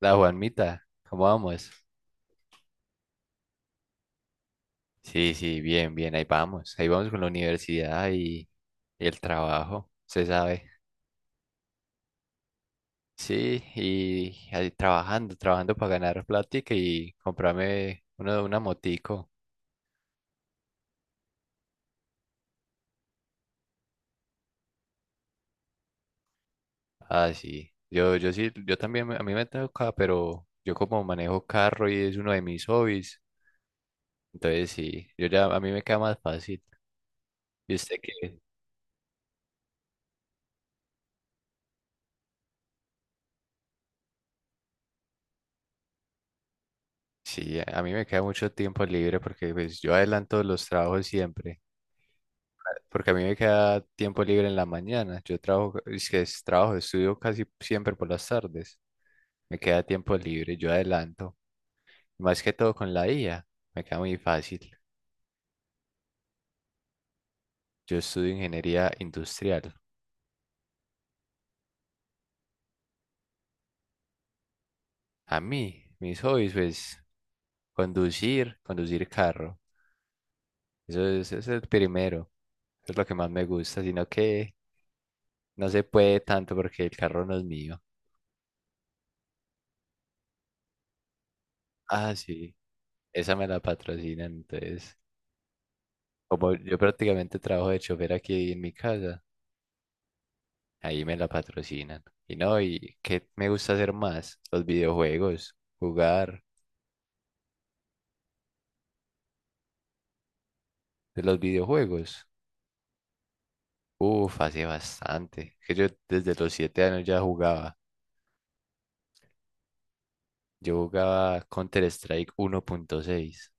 La Juanmita, ¿cómo vamos? Sí, sí, bien, bien, ahí vamos. Ahí vamos con la universidad y el trabajo, se sabe. Sí, y ahí trabajando, trabajando para ganar plática y comprarme una motico. Ah, sí. Yo sí, yo también, a mí me toca, pero yo como manejo carro y es uno de mis hobbies, entonces sí, yo ya, a mí me queda más fácil. ¿Y usted qué? Sí, a mí me queda mucho tiempo libre porque pues yo adelanto los trabajos siempre. Porque a mí me queda tiempo libre en la mañana. Yo trabajo, es que es trabajo, estudio casi siempre por las tardes. Me queda tiempo libre, yo adelanto. Más que todo con la IA, me queda muy fácil. Yo estudio ingeniería industrial. A mí, mis hobbies, pues, conducir, conducir carro. Eso es el primero. Es lo que más me gusta, sino que no se puede tanto porque el carro no es mío. Ah, sí, esa me la patrocinan, entonces. Como yo prácticamente trabajo de chofer aquí en mi casa, ahí me la patrocinan. Y no, ¿y qué me gusta hacer más? Los videojuegos, jugar de los videojuegos. Uf, hace bastante. Que yo desde los 7 años ya jugaba. Yo jugaba Counter-Strike 1.6,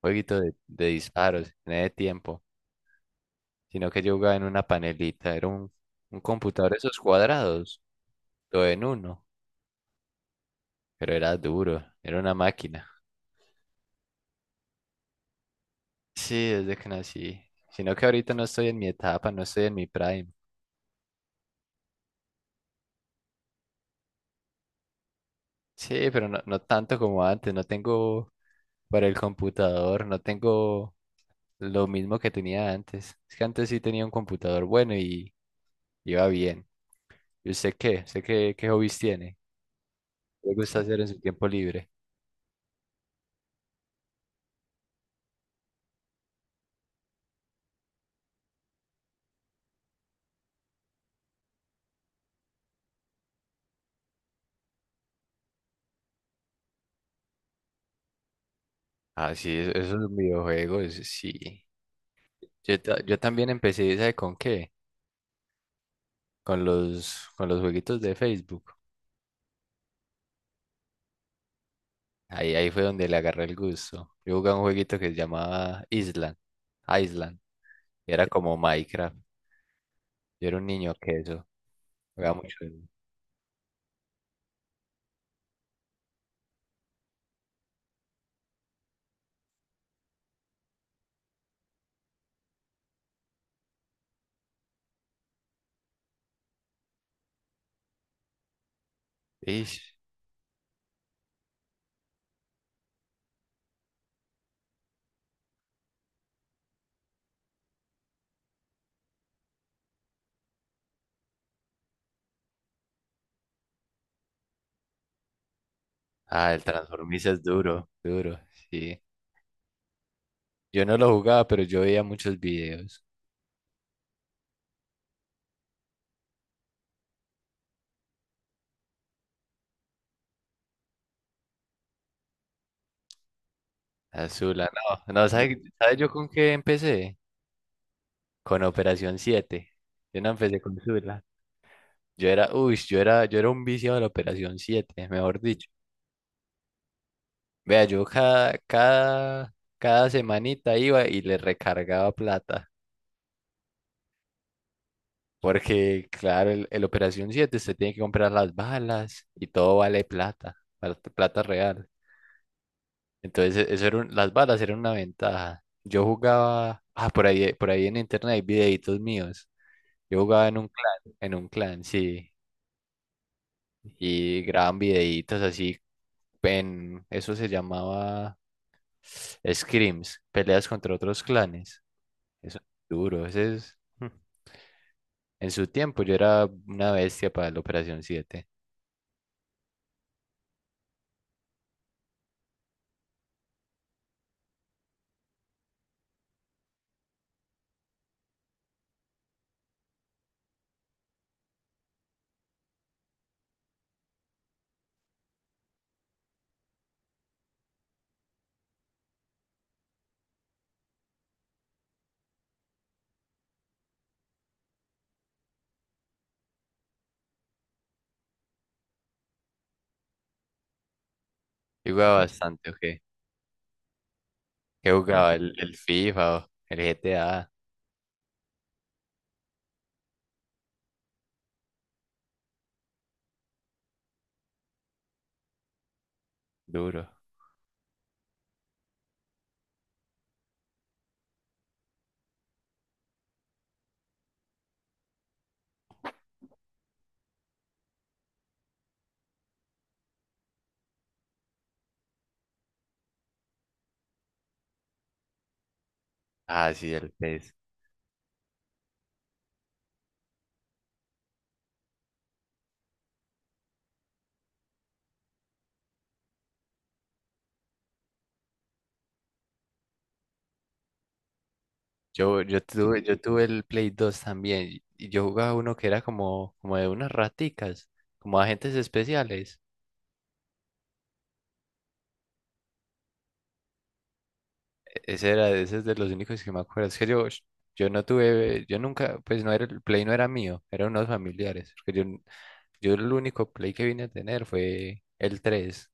jueguito de disparos, en ese tiempo. Sino que yo jugaba en una panelita, era un computador de esos cuadrados, todo en uno, pero era duro, era una máquina. Sí, desde que nací. Sino que ahorita no estoy en mi etapa, no estoy en mi prime. Sí, pero no, no tanto como antes. No tengo para el computador, no tengo lo mismo que tenía antes. Es que antes sí tenía un computador bueno y iba bien. ¿Y usted qué? ¿Usted qué hobbies tiene? ¿Qué le gusta hacer en su tiempo libre? Ah, sí, eso es un videojuego, eso sí. Yo también empecé, ¿sabe con qué? Con los jueguitos de Facebook. Ahí fue donde le agarré el gusto. Yo jugaba un jueguito que se llamaba Island. Island. Y era como Minecraft. Yo era un niño que eso. Jugaba mucho. Ish. Ah, el Transformice es duro, duro. Sí. Yo no lo jugaba, pero yo veía muchos videos. Azula, no. No, ¿sabe yo con qué empecé? Con Operación Siete. Yo no empecé con Zula. Yo era, uy, yo era un viciado de la Operación Siete, mejor dicho. Vea, yo cada semanita iba y le recargaba plata. Porque, claro, el Operación siete usted tiene que comprar las balas y todo vale plata real. Entonces, eso era las balas eran una ventaja. Yo jugaba, ah, por ahí en internet hay videitos míos. Yo jugaba en un clan, sí. Y graban videitos así, eso se llamaba scrims, peleas contra otros clanes. Eso es duro. Ese es, en su tiempo yo era una bestia para la Operación siete. Yo jugaba bastante, ¿ok? ¿Qué Ah, jugaba? El FIFA o el GTA. Duro. Ah, sí, el PES. Yo tuve el Play 2 también. Y yo jugaba uno que era como de unas raticas, como agentes especiales. Ese era, ese es de los únicos que me acuerdo. Es que yo no tuve, yo nunca, pues no era, el Play no era mío, eran unos familiares. Porque yo el único Play que vine a tener fue el tres.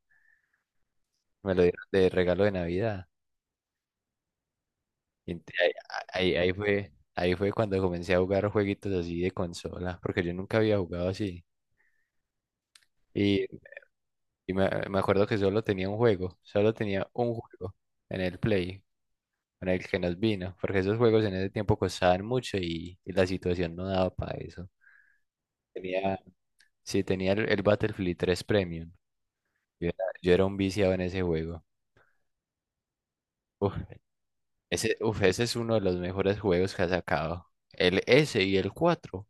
Me lo dieron de regalo de Navidad. Y ent- ahí fue cuando comencé a jugar jueguitos así de consola, porque yo nunca había jugado así. Y, y me acuerdo que solo tenía un juego, solo tenía un juego en el Play, con el que nos vino, porque esos juegos en ese tiempo costaban mucho y la situación no daba para eso. Tenía, sí, tenía el Battlefield 3 Premium. Yo era un viciado en ese juego. Uf, ese es uno de los mejores juegos que ha sacado. El S y el 4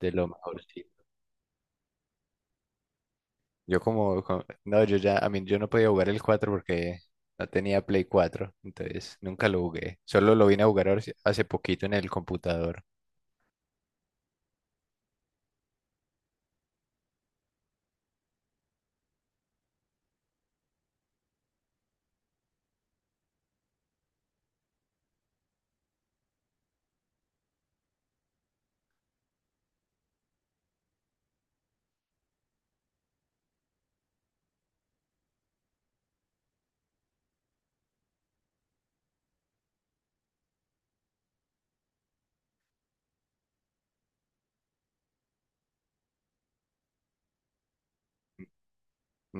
de lo mejor, sí. No, yo ya, a mí, yo no podía jugar el 4 porque no tenía Play 4 entonces nunca lo jugué. Solo lo vine a jugar sí, hace poquito en el computador.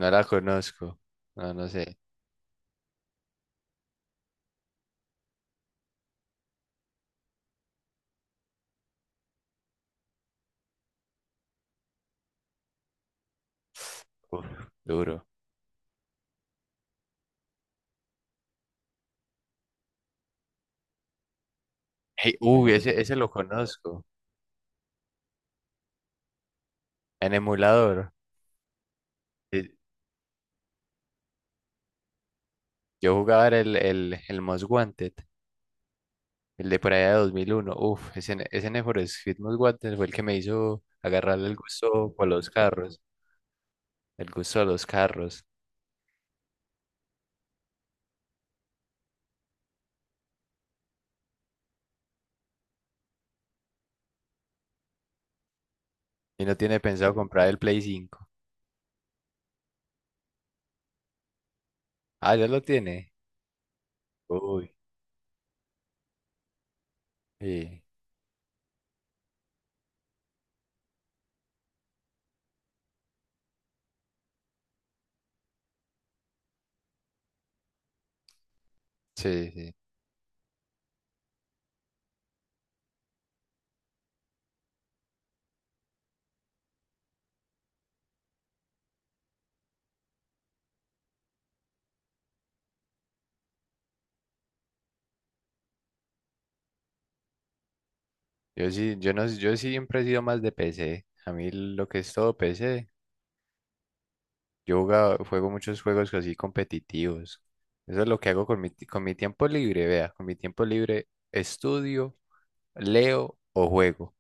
No la conozco. No, no sé. Uf, duro. Hey, uy, ese lo conozco. En emulador. Sí. Yo jugaba era el Most Wanted, el de por allá de 2001. Uf, ese Need for Speed Most Wanted fue el que me hizo agarrarle el gusto por los carros, el gusto de los carros. Y no tiene pensado comprar el Play 5. Ah, ya lo tiene. Uy. Sí, sí, sí. Yo sí, yo no, yo siempre he sido más de PC. A mí lo que es todo PC, yo juego muchos juegos así competitivos. Eso es lo que hago con mi tiempo libre, vea, con mi tiempo libre estudio, leo o juego.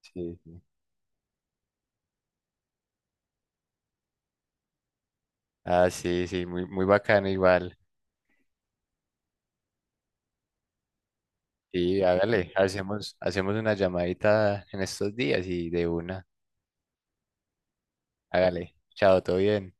Sí, sí. Ah, sí, sí, muy, muy bacano igual. Sí, hágale, hacemos una llamadita en estos días y de una, hágale. Chao, todo bien.